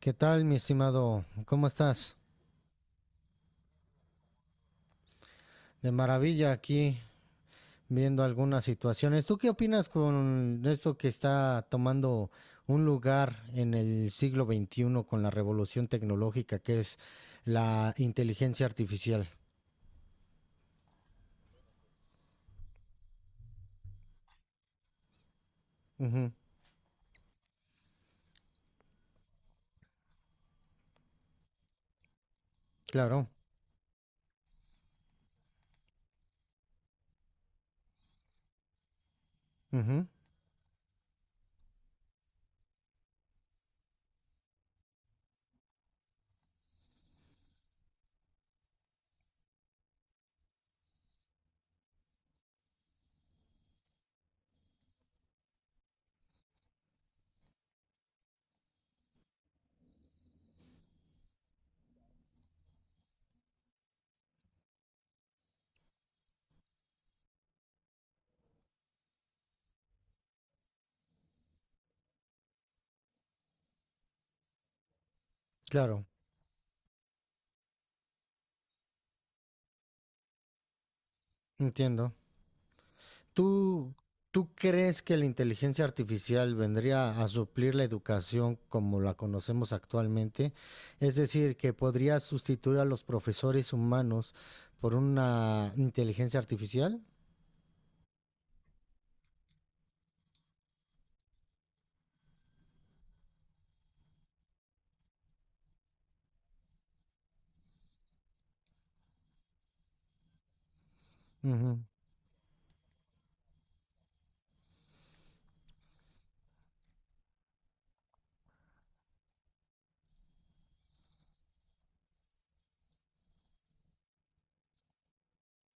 ¿Qué tal, mi estimado? ¿Cómo estás? De maravilla aquí viendo algunas situaciones. ¿Tú qué opinas con esto que está tomando un lugar en el siglo XXI con la revolución tecnológica que es la inteligencia artificial? Ujú, claro, ujú, claro, entiendo. ¿Tú, tú crees que la inteligencia artificial vendría a suplir la educación como la conocemos actualmente? Es decir, ¿que podría sustituir a los profesores humanos por una inteligencia artificial? Ujú,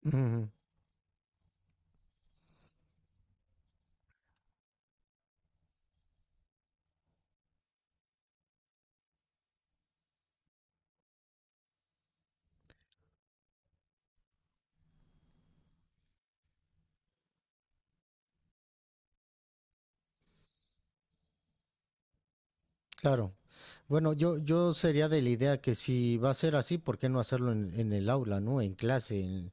ujú, claro. Bueno, yo sería de la idea que si va a ser así, ¿por qué no hacerlo en el aula, ¿no? En clase,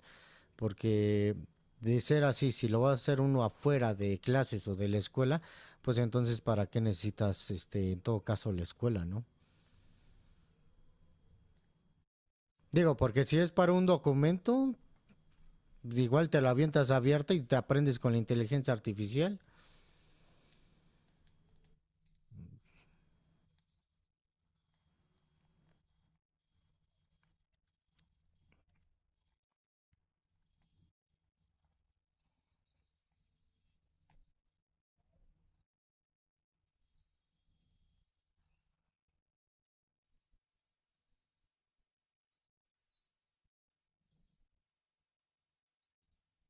porque de ser así, si lo va a hacer uno afuera de clases o de la escuela, pues entonces para qué necesitas, este, en todo caso, la escuela, ¿no? Digo, porque si es para un documento, igual te la avientas abierta y te aprendes con la inteligencia artificial.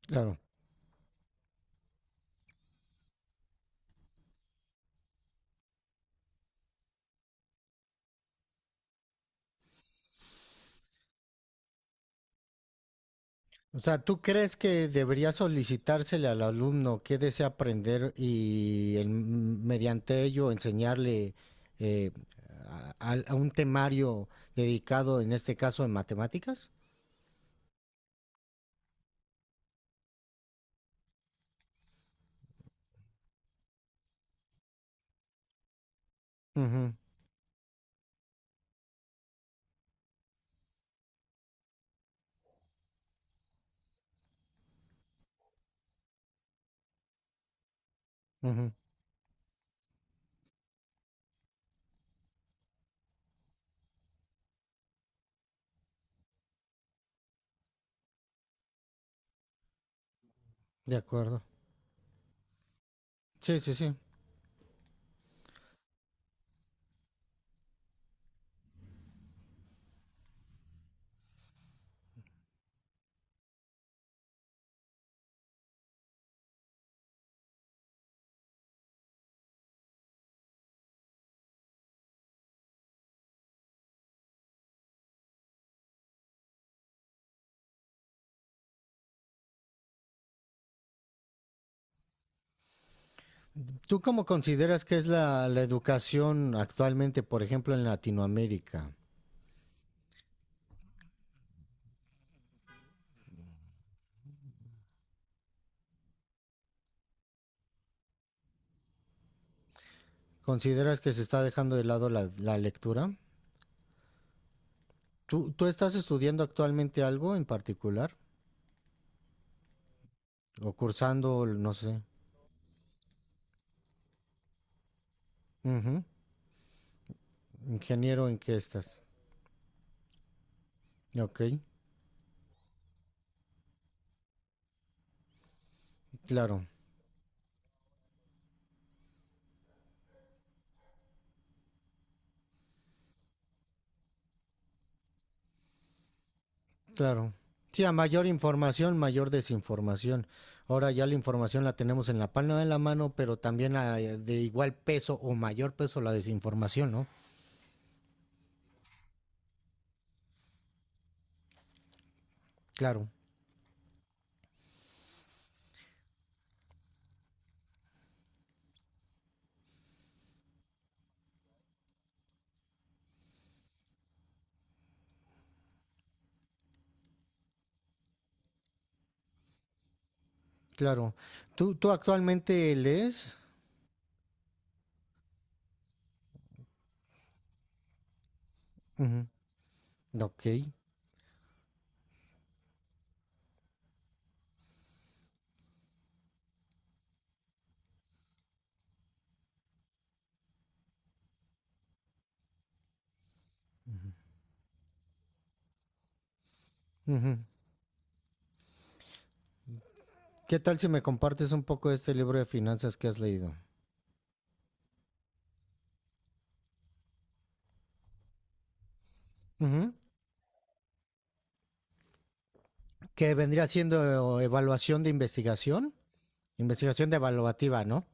Claro. O sea, ¿tú crees que debería solicitársele al alumno qué desea aprender y mediante ello enseñarle eh, a un temario dedicado, en este caso, en matemáticas? Ujú. Ujú, de acuerdo. Sí, sí, sí. ¿Tú cómo consideras que es la educación actualmente, por ejemplo, en Latinoamérica? ¿Consideras que se está dejando de lado la lectura? ¿Tú estás estudiando actualmente algo en particular? ¿O cursando, no sé? Ujú. ¿Ingeniero en qué estás? Ok, claro, claro. Sí, a mayor información, mayor desinformación. Ahora ya la información la tenemos en la palma de la mano, pero también a- de igual peso o mayor peso la desinformación, ¿no? Claro, claro. ¿Tú actualmente lees? Ujú, ok, ujú. ¿Qué tal si me compartes un poco de este libro de finanzas que has leído? Ujú, ¿que vendría siendo evaluación de investigación? ¿Investigación de evaluativa, no?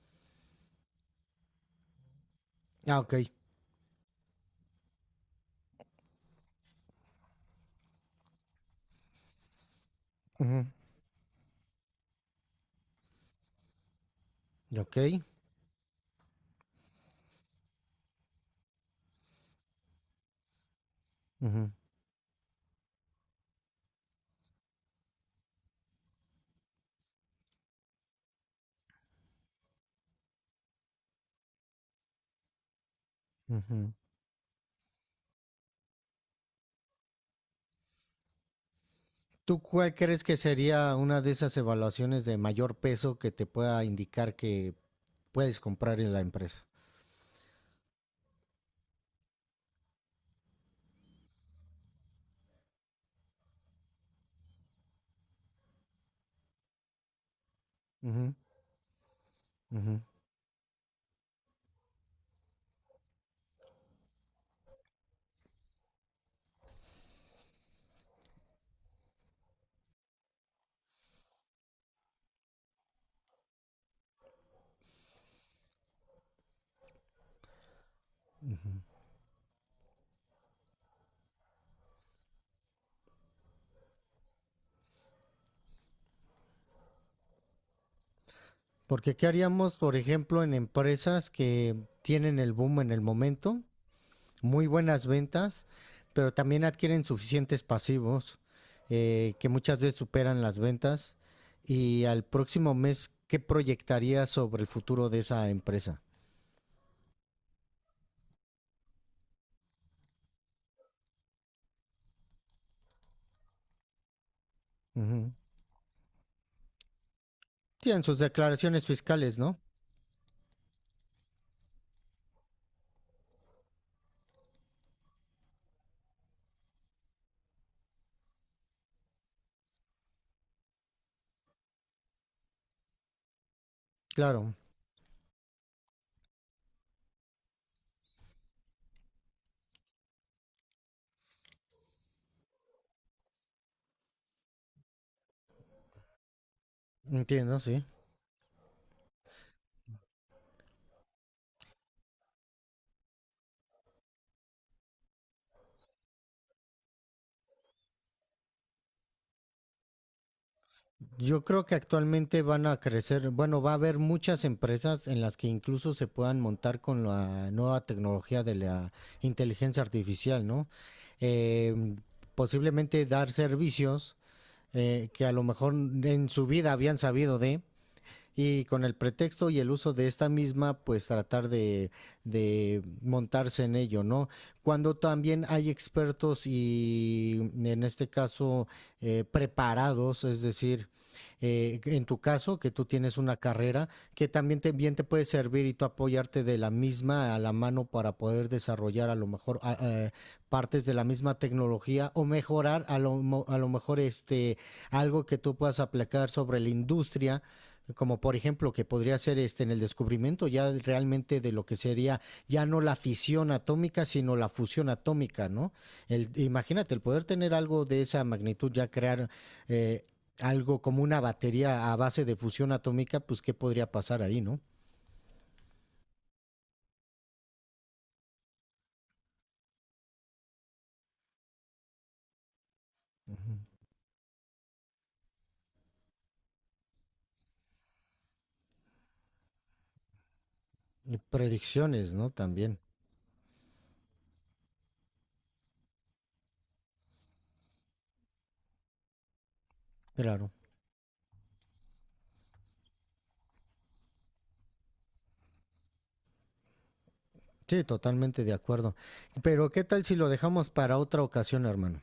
Ah, ok. Ujú, ok, ujú, ujú. ¿Tú cuál crees que sería una de esas evaluaciones de mayor peso que te pueda indicar que puedes comprar en la empresa? Ujú, ujú. Porque ¿qué haríamos, por ejemplo, en empresas que tienen el boom en el momento, muy buenas ventas, pero también adquieren suficientes pasivos que muchas veces superan las ventas? Y al próximo mes, ¿qué proyectaría sobre el futuro de esa empresa? Ujú. Tienen sus declaraciones fiscales, ¿no? Claro, entiendo, sí. Yo creo que actualmente van a crecer, bueno, va a haber muchas empresas en las que incluso se puedan montar con la nueva tecnología de la inteligencia artificial, ¿no? Eh, posiblemente dar servicios que a lo mejor en su vida habían sabido de, y con el pretexto y el uso de esta misma, pues tratar de, montarse en ello, ¿no? Cuando también hay expertos y en este caso preparados, es decir, en tu caso, que tú tienes una carrera que también te, bien te puede servir y tú apoyarte de la misma a la mano para poder desarrollar a lo mejor partes de la misma tecnología o mejorar a lo mejor este, algo que tú puedas aplicar sobre la industria, como por ejemplo, que podría ser este en el descubrimiento ya realmente de lo que sería ya no la fisión atómica, sino la fusión atómica, ¿no? El, imagínate el poder tener algo de esa magnitud, ya crear eh, algo como una batería a base de fusión atómica, pues qué podría pasar ahí, ¿no? Y predicciones, ¿no? También, claro, sí, totalmente de acuerdo, pero qué tal si lo dejamos para otra ocasión, hermano.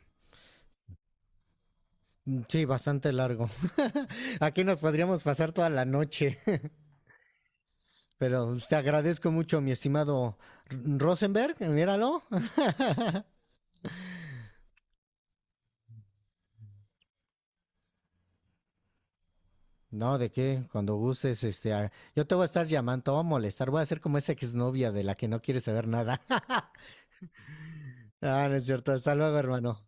Mm, sí, bastante largo. Aquí nos podríamos pasar toda la noche. Pero pues, te agradezco mucho, mi estimado, Rosenberg, míralo. No, de qué, cuando gustes, este, ah, yo te voy a estar llamando, te voy a molestar, voy a ser como esa exnovia de la que no quiere saber nada. Ah, no es cierto, hasta luego, hermano.